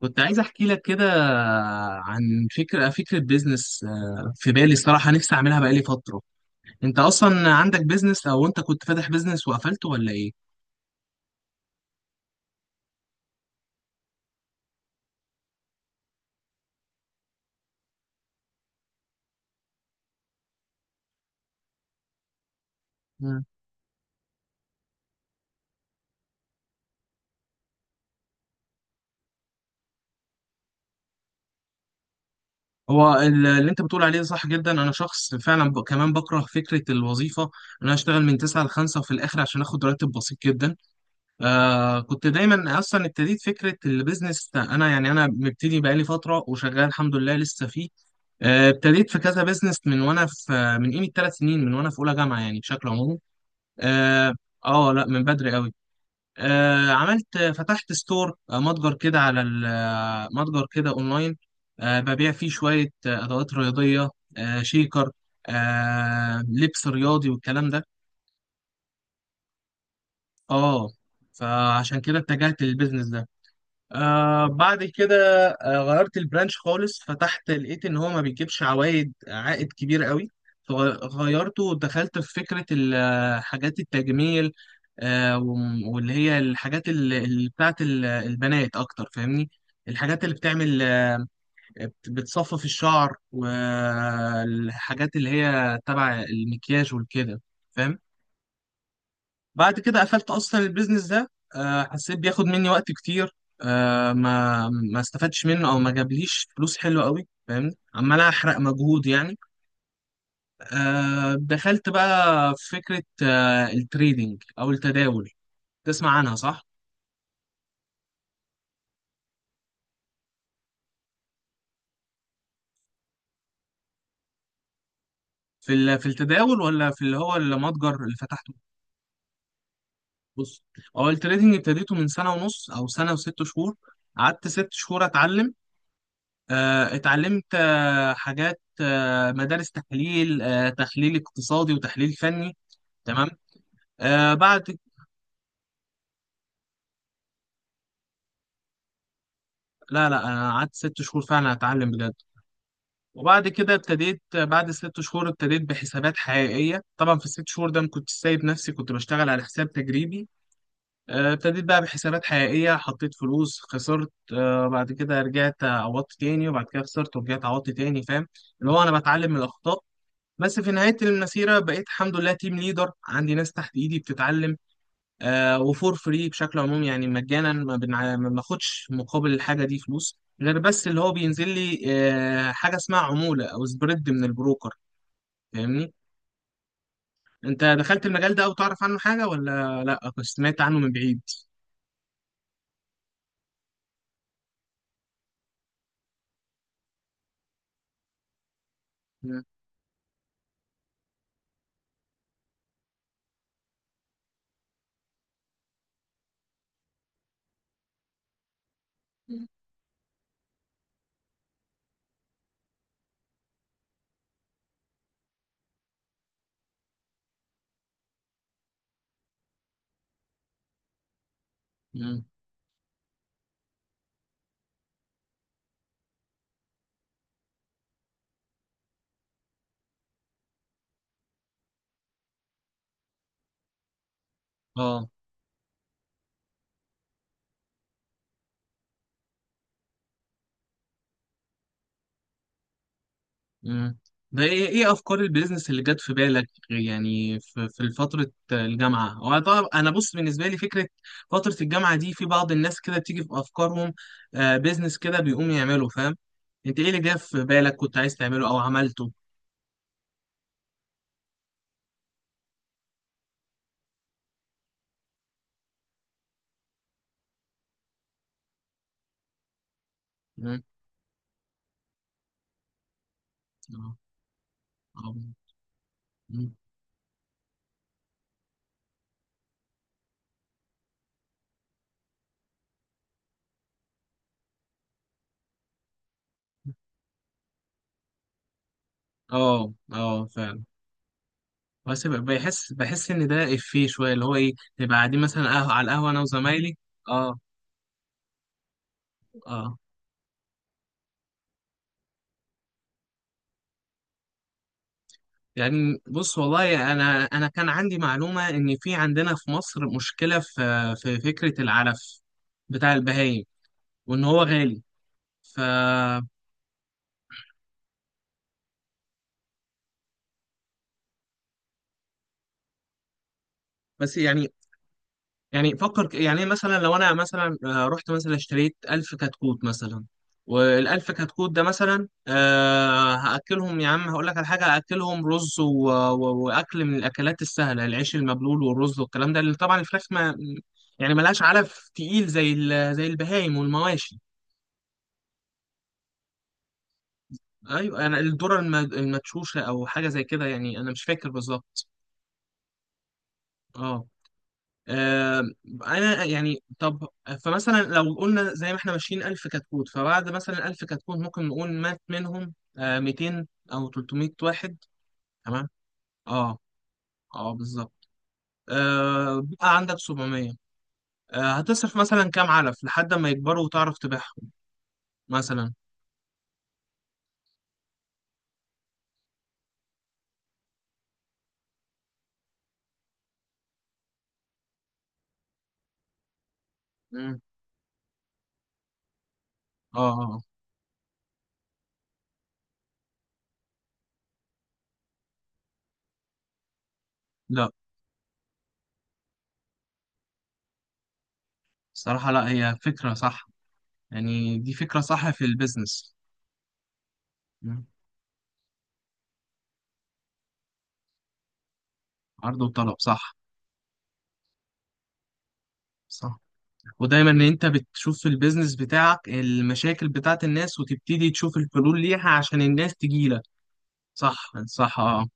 كنت عايز احكي لك كده عن فكره بيزنس، في بالي صراحه نفسي اعملها بقالي فتره. انت اصلا عندك بيزنس او انت كنت فاتح بيزنس وقفلته ولا ايه؟ مم. هو اللي انت بتقول عليه ده صح جدا، انا شخص فعلا كمان بكره فكره الوظيفه، ان انا اشتغل من 9 ل 5 وفي الاخر عشان اخد راتب بسيط جدا. آه، كنت دايما اصلا ابتديت فكره البيزنس ده. انا يعني انا مبتدي بقالي فتره وشغال الحمد لله لسه فيه. ابتديت في كذا بيزنس من قيمه 3 سنين من وانا في اولى جامعه، يعني بشكل عمومي. اه. لا، من بدري قوي. آه، عملت، فتحت ستور، متجر كده على متجر كده اونلاين. آه، ببيع فيه شويه ادوات رياضيه، آه، شيكر، آه، لبس رياضي والكلام ده. اه، فعشان كده اتجهت للبيزنس ده. آه، بعد كده آه غيرت البرانش خالص، فتحت لقيت ان هو ما بيجيبش عائد كبير قوي، فغيرته ودخلت في فكرة حاجات التجميل. واللي هي الحاجات اللي بتاعت البنات اكتر، فاهمني؟ الحاجات اللي بتعمل، بتصفف الشعر، والحاجات اللي هي تبع المكياج والكده، فاهم؟ بعد كده قفلت اصلا البيزنس ده، آه، حسيت بياخد مني وقت كتير، آه، ما استفدتش منه او ما جابليش فلوس حلوه قوي، فاهمني؟ عمال احرق مجهود يعني. آه، دخلت بقى في فكره التريدينج او التداول، تسمع عنها صح؟ في في التداول ولا في اللي هو المتجر اللي فتحته؟ بص، هو التريدينج ابتديته من سنة ونص او سنة و6 شهور. قعدت 6 شهور اتعلم. آه، اتعلمت، حاجات، مدارس تحليل، تحليل اقتصادي وتحليل فني. تمام. آه، بعد لا لا، انا قعدت 6 شهور فعلا اتعلم بجد. وبعد كده ابتديت، بعد 6 شهور ابتديت بحسابات حقيقيه. طبعا في الـ6 شهور ده ما كنتش سايب نفسي، كنت بشتغل على حساب تجريبي. آه، ابتديت بقى بحسابات حقيقيه، حطيت فلوس خسرت، آه، بعد كده رجعت عوضت تاني، وبعد كده خسرت ورجعت عوضت تاني، فاهم؟ اللي هو انا بتعلم من الاخطاء. بس في نهاية المسيرة بقيت الحمد لله تيم ليدر، عندي ناس تحت إيدي بتتعلم، آه، وفور فري بشكل عموم، يعني مجانا، ما باخدش مقابل الحاجة دي فلوس، غير بس اللي هو بينزل لي آه حاجة اسمها عمولة أو سبريد من البروكر، فاهمني؟ أنت دخلت المجال ده أو تعرف عنه حاجة ولا لأ؟ كنت سمعت عنه من بعيد؟ مم. مم. آه. مم. ده ايه ايه افكار البيزنس اللي جت في بالك يعني في فتره الجامعه؟ هو طبعا انا بص بالنسبه لي فكره فتره الجامعه دي، في بعض الناس كده بتيجي في افكارهم آه بيزنس كده بيقوم يعمله، فاهم؟ انت ايه اللي جه في بالك كنت عايز تعمله او عملته؟ مم. اه اه. مم. اه، آه، فعلا. بس بحس ان ده افيه شويه اللي هو ايه، نبقى قاعدين مثلا قهوه على القهوه انا وزمايلي. اه. اه. يعني بص والله، انا كان عندي معلومه ان في عندنا في مصر مشكله في فكره العلف بتاع البهايم، وان هو غالي، ف... بس يعني، يعني فكر يعني مثلا لو انا مثلا، آه، رحت مثلا اشتريت ألف كتكوت مثلا، والألف كتكوت ده مثلا آه هأكلهم، يا عم هقول لك على حاجة، هأكلهم رز وأكل من الأكلات السهلة، العيش المبلول والرز والكلام ده، اللي طبعا الفراخ ما يعني ملهاش علف تقيل زي زي البهايم والمواشي. ايوه، انا الذره المدشوشه او حاجه زي كده، يعني انا مش فاكر بالظبط. اه. آه، انا يعني طب، فمثلا لو قلنا زي ما احنا ماشيين ألف كتكوت، فبعد مثلا ألف كتكوت ممكن نقول مات منهم، آه، 200 او 300 واحد. تمام. اه. اه بالظبط. آه، بقى عندك 700، آه، هتصرف مثلا كام علف لحد ما يكبروا وتعرف تبيعهم مثلا. مم. اه، آه، آه. لا صراحة لا، هي فكرة صح، يعني دي فكرة صح في البيزنس. عرض وطلب صح. صح، ودايما ان انت بتشوف في البيزنس بتاعك المشاكل بتاعت الناس، وتبتدي تشوف الحلول ليها عشان الناس تجيلك. صح صح، اه،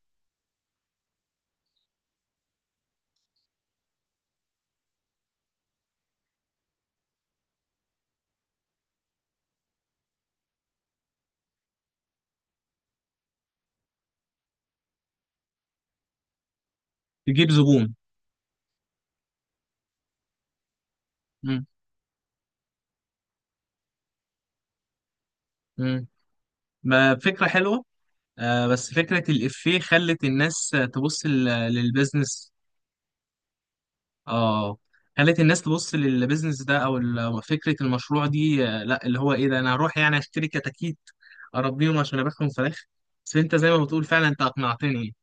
تجيب زبون. مم. مم. ما فكرة حلوة. آه، بس فكرة الإفيه خلت الناس تبص للبيزنس. اه، خلت الناس تبص للبيزنس ده او فكرة المشروع دي، آه لا اللي هو ايه، ده انا هروح يعني اشتري كتاكيت اربيهم عشان ابيعهم فراخ. بس انت زي ما بتقول فعلا، انت اقنعتني.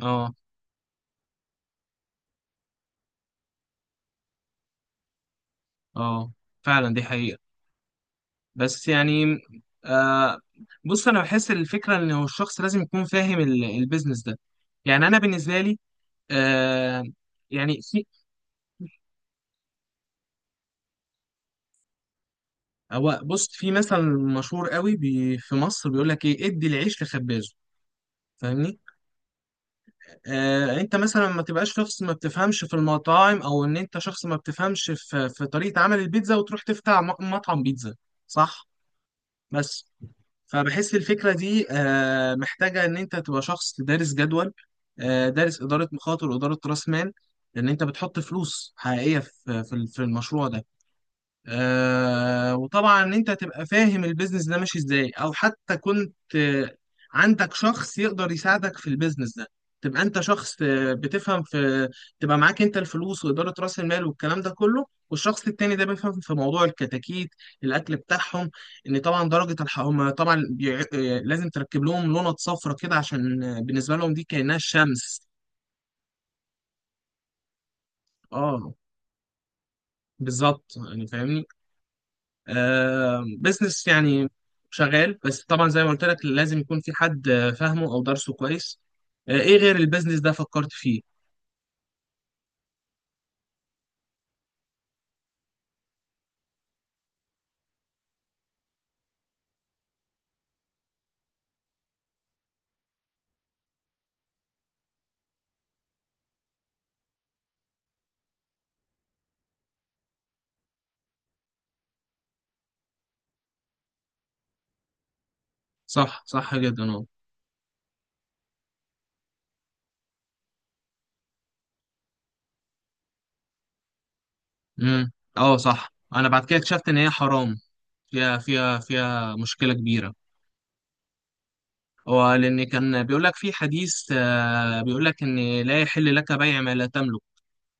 اه. اه فعلا دي حقيقة. بس يعني، آه، بص انا بحس الفكرة ان هو الشخص لازم يكون فاهم البيزنس ده. يعني انا بالنسبة لي، آه، يعني في. هو بص، في مثل مشهور قوي بي في مصر بيقول لك ايه، ادي العيش لخبازه، فاهمني؟ آه، انت مثلا ما تبقاش شخص ما بتفهمش في المطاعم، او ان انت شخص ما بتفهمش في طريقة عمل البيتزا وتروح تفتح مطعم بيتزا، صح؟ بس فبحس الفكرة دي، آه، محتاجة إن أنت تبقى شخص دارس جدول، آه، دارس إدارة مخاطر وإدارة رأس مال، لأن أنت بتحط فلوس حقيقية في المشروع ده. آه، وطبعا ان انت تبقى فاهم البيزنس ده ماشي ازاي، او حتى كنت، آه، عندك شخص يقدر يساعدك في البيزنس ده. تبقى انت شخص، آه، بتفهم في، تبقى معاك انت الفلوس واداره راس المال والكلام ده كله، والشخص التاني ده بيفهم في موضوع الكتاكيت، الاكل بتاعهم، ان طبعا درجه الحراره طبعا لازم تركب لهم لونة صفرة كده، عشان آه، بالنسبه لهم دي كانها الشمس. اه بالظبط يعني، فاهمني؟ آه، بزنس يعني شغال، بس طبعا زي ما قلت لك لازم يكون في حد، آه، فاهمه او درسه كويس. آه، ايه غير البيزنس ده فكرت فيه؟ صح صح جدا، اه. امم، اه صح، انا بعد كده اكتشفت ان هي حرام. فيها فيها مشكلة كبيرة. هو لان كان بيقول لك في حديث، آه، بيقول لك ان لا يحل لك بيع ما لا تملك،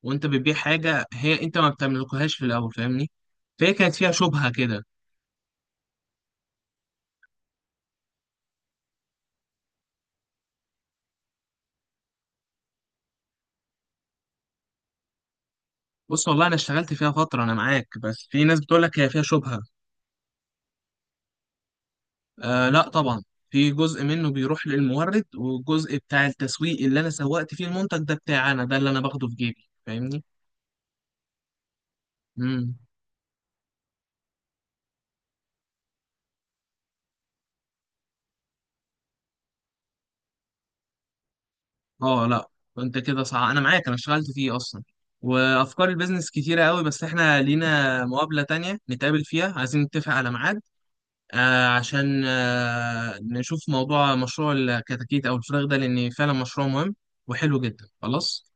وانت بتبيع حاجة هي انت ما بتملكهاش في الاول، فاهمني؟ فهي كانت فيها شبهة كده. بص والله انا اشتغلت فيها فترة، انا معاك، بس في ناس بتقول لك هي فيها شبهة. آه لا طبعا، في جزء منه بيروح للمورد، والجزء بتاع التسويق اللي انا سوقت فيه المنتج ده بتاعي، انا ده اللي انا باخده في جيبي، فاهمني؟ امم. اه لا، انت كده صح، انا معاك، انا اشتغلت فيه اصلا. وافكار البيزنس كتيره قوي، بس احنا لينا مقابله تانية نتقابل فيها، عايزين نتفق على ميعاد. آه عشان آه نشوف موضوع مشروع الكتاكيت او الفراخ ده، لان فعلا مشروع مهم وحلو جدا. خلاص.